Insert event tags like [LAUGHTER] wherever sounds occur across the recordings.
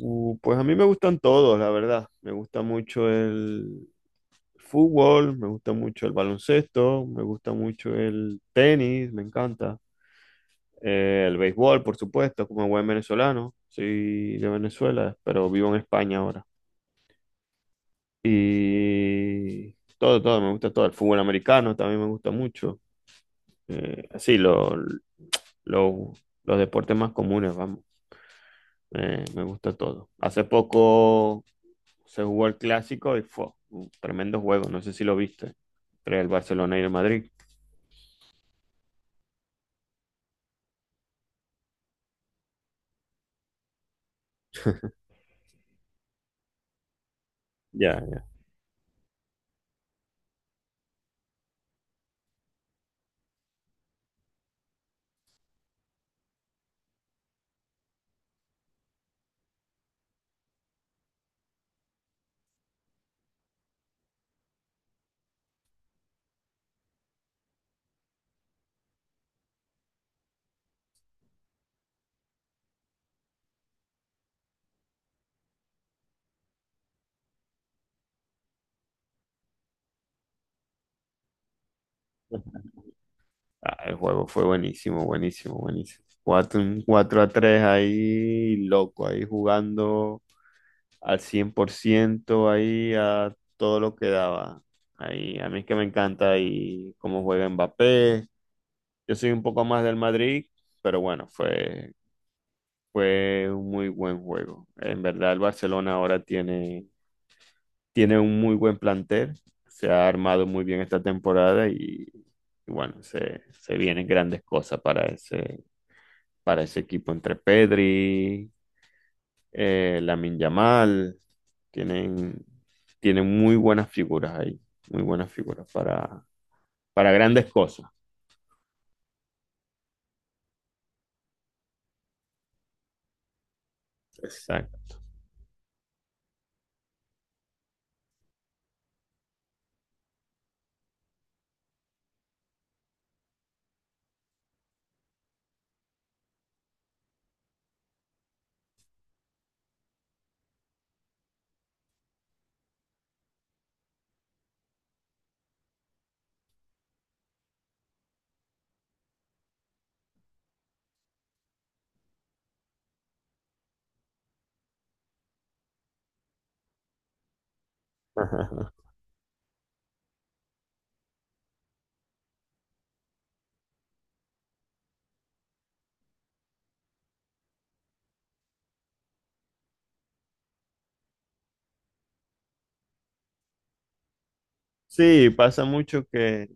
Pues a mí me gustan todos, la verdad. Me gusta mucho el fútbol, me gusta mucho el baloncesto, me gusta mucho el tenis, me encanta. El béisbol, por supuesto, como buen venezolano. Soy de Venezuela, pero vivo en España ahora. Y todo, todo, me gusta todo. El fútbol americano también me gusta mucho. Sí, lo- los deportes más comunes, vamos. Me gusta todo. Hace poco se jugó el clásico y fue un tremendo juego. No sé si lo viste. Entre el Barcelona y el Madrid. Ya. Ah, el juego fue buenísimo, buenísimo, buenísimo. Un 4 a tres ahí, loco, ahí jugando al 100% ahí a todo lo que daba. Ahí, a mí es que me encanta ahí cómo juega Mbappé. Yo soy un poco más del Madrid, pero bueno, fue un muy buen juego. En verdad, el Barcelona ahora tiene un muy buen plantel, se ha armado muy bien esta temporada y bueno, se vienen grandes cosas para ese equipo, entre Pedri, Lamine Yamal. tienen, Tienen muy buenas figuras ahí, muy buenas figuras para grandes cosas. Exacto. [LAUGHS] Sí, pasa mucho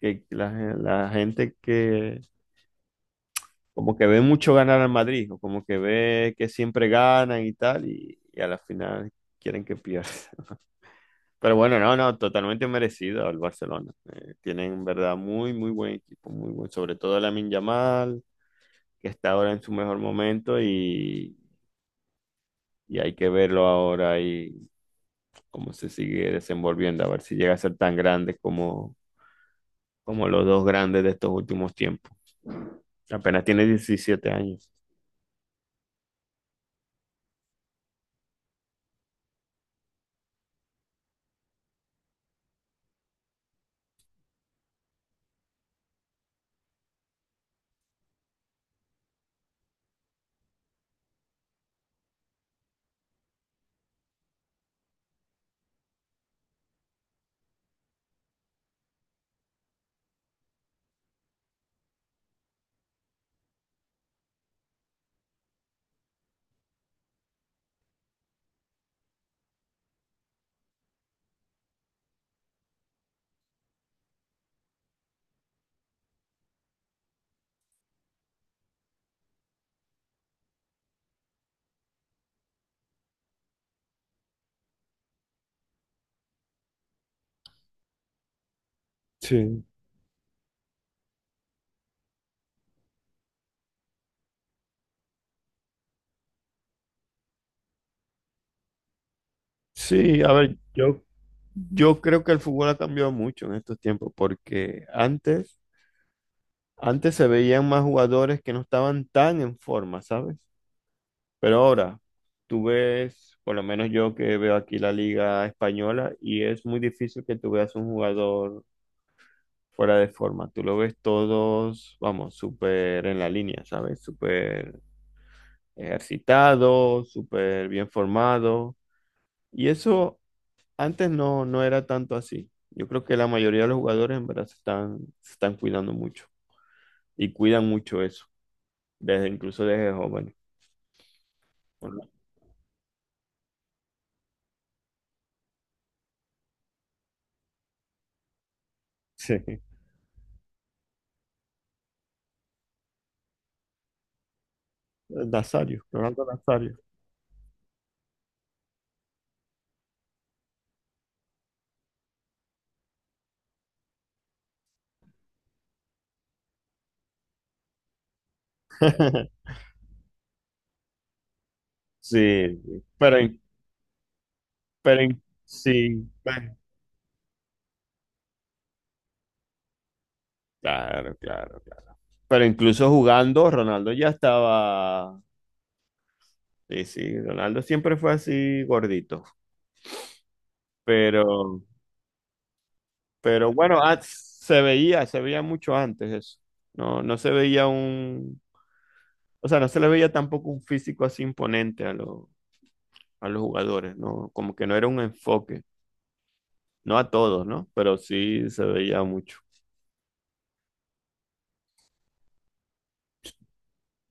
que la gente que como que ve mucho ganar al Madrid, o como que ve que siempre ganan y tal, y a la final quieren que pierda. [LAUGHS] Pero bueno, no, no, totalmente merecido el Barcelona. Tienen en verdad muy, muy buen equipo, muy buen, sobre todo Lamine Yamal, que está ahora en su mejor momento, y hay que verlo ahora y cómo se sigue desenvolviendo, a ver si llega a ser tan grande como los dos grandes de estos últimos tiempos. Apenas tiene 17 años. Sí, sí, a ver, yo creo que el fútbol ha cambiado mucho en estos tiempos, porque antes se veían más jugadores que no estaban tan en forma, ¿sabes? Pero ahora, tú ves, por lo menos yo que veo aquí la liga española, y es muy difícil que tú veas un jugador fuera de forma. Tú lo ves todos, vamos, súper en la línea, ¿sabes? Súper ejercitado, súper bien formado. Y eso. Antes no, no era tanto así. Yo creo que la mayoría de los jugadores en verdad se están cuidando mucho y cuidan mucho eso, desde, incluso desde jóvenes. Bueno, sí, Nazario, Ronaldo Nazario. [LAUGHS] Sí, sí. Pero, sí, bueno, claro, claro, claro. Pero incluso jugando, Ronaldo ya estaba, sí, sí, Ronaldo siempre fue así gordito, pero Pero bueno, ah, se veía mucho antes eso. No, no se veía o sea, no se le veía tampoco un físico así imponente a a los jugadores, ¿no? Como que no era un enfoque, no a todos, ¿no? Pero sí se veía mucho,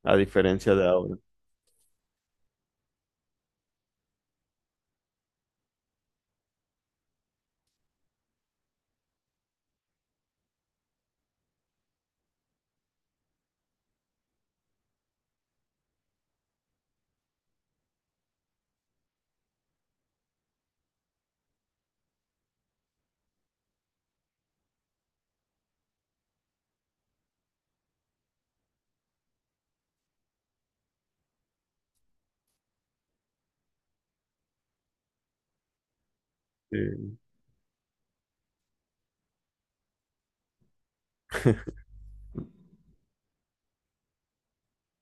a diferencia de ahora. Sí,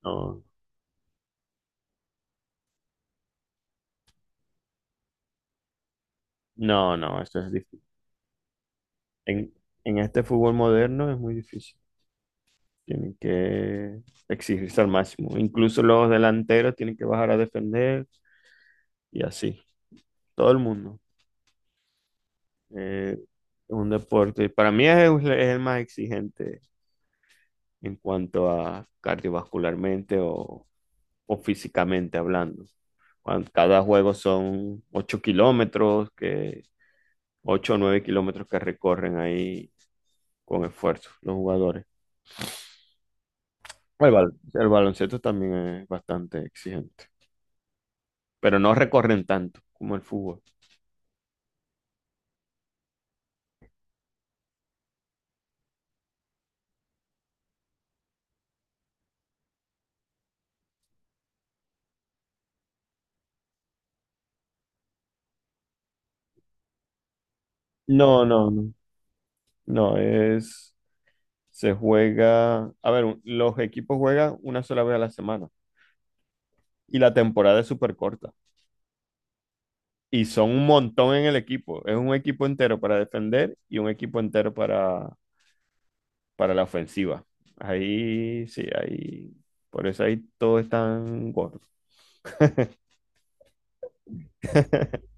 no, no, no, eso es difícil. En, en este fútbol moderno es muy difícil. Tienen que exigirse al máximo. Incluso los delanteros tienen que bajar a defender y así. Todo el mundo. Eh, un deporte, para mí es el más exigente en cuanto a cardiovascularmente o físicamente hablando. Cada juego son 8 kilómetros, que 8 o 9 kilómetros que recorren ahí con esfuerzo los jugadores. El, el baloncesto también es bastante exigente, pero no recorren tanto como el fútbol. No, no, no. No, es se juega, a ver, los equipos juegan una sola vez a la semana y la temporada es súper corta. Y son un montón en el equipo. Es un equipo entero para defender y un equipo entero para la ofensiva. Ahí sí, ahí. Por eso ahí todos están gordos. [LAUGHS]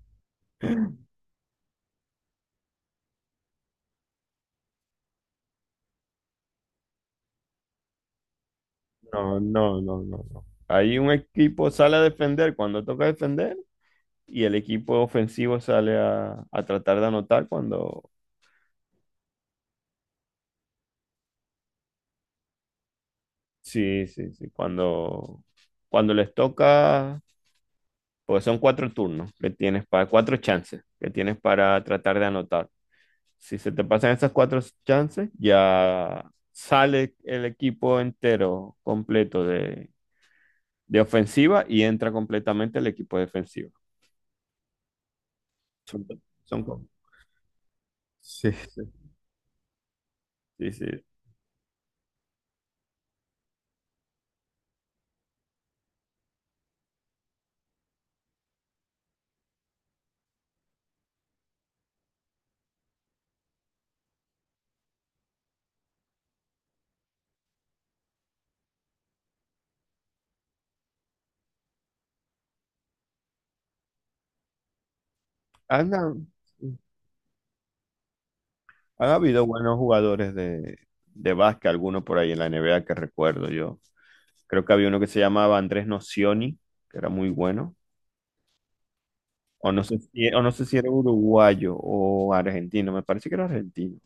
No, no, no, no, no. Ahí un equipo sale a defender cuando toca defender y el equipo ofensivo sale a tratar de anotar cuando, sí, sí, sí, cuando les toca. Pues son cuatro turnos que tienes para, cuatro chances que tienes para tratar de anotar. Si se te pasan esas cuatro chances, ya sale el equipo entero completo de ofensiva y entra completamente el equipo defensivo. Son, son co- sí, sí, sí, sí. Han, han habido buenos jugadores de básquet, algunos por ahí en la NBA que recuerdo yo. Creo que había uno que se llamaba Andrés Nocioni, que era muy bueno. O no sé si, o no sé si era uruguayo o argentino, me parece que era argentino.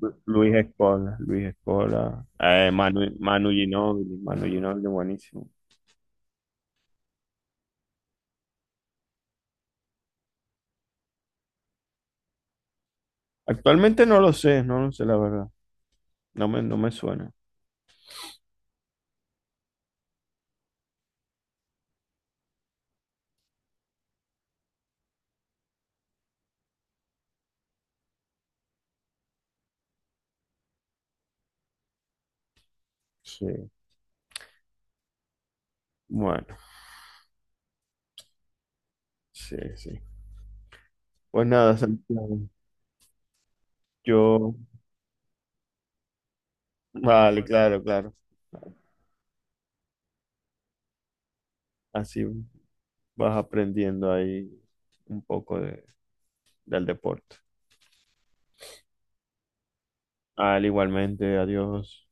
Luis Escola, Luis Escola, Manu, Manu Ginóbili, Manu Ginóbili, buenísimo. Actualmente no lo sé, no lo sé la verdad, no me suena. Sí, bueno, sí, sí. Pues nada, Santiago, yo, vale, claro, claro, así vas aprendiendo ahí un poco del deporte. Al igualmente, adiós.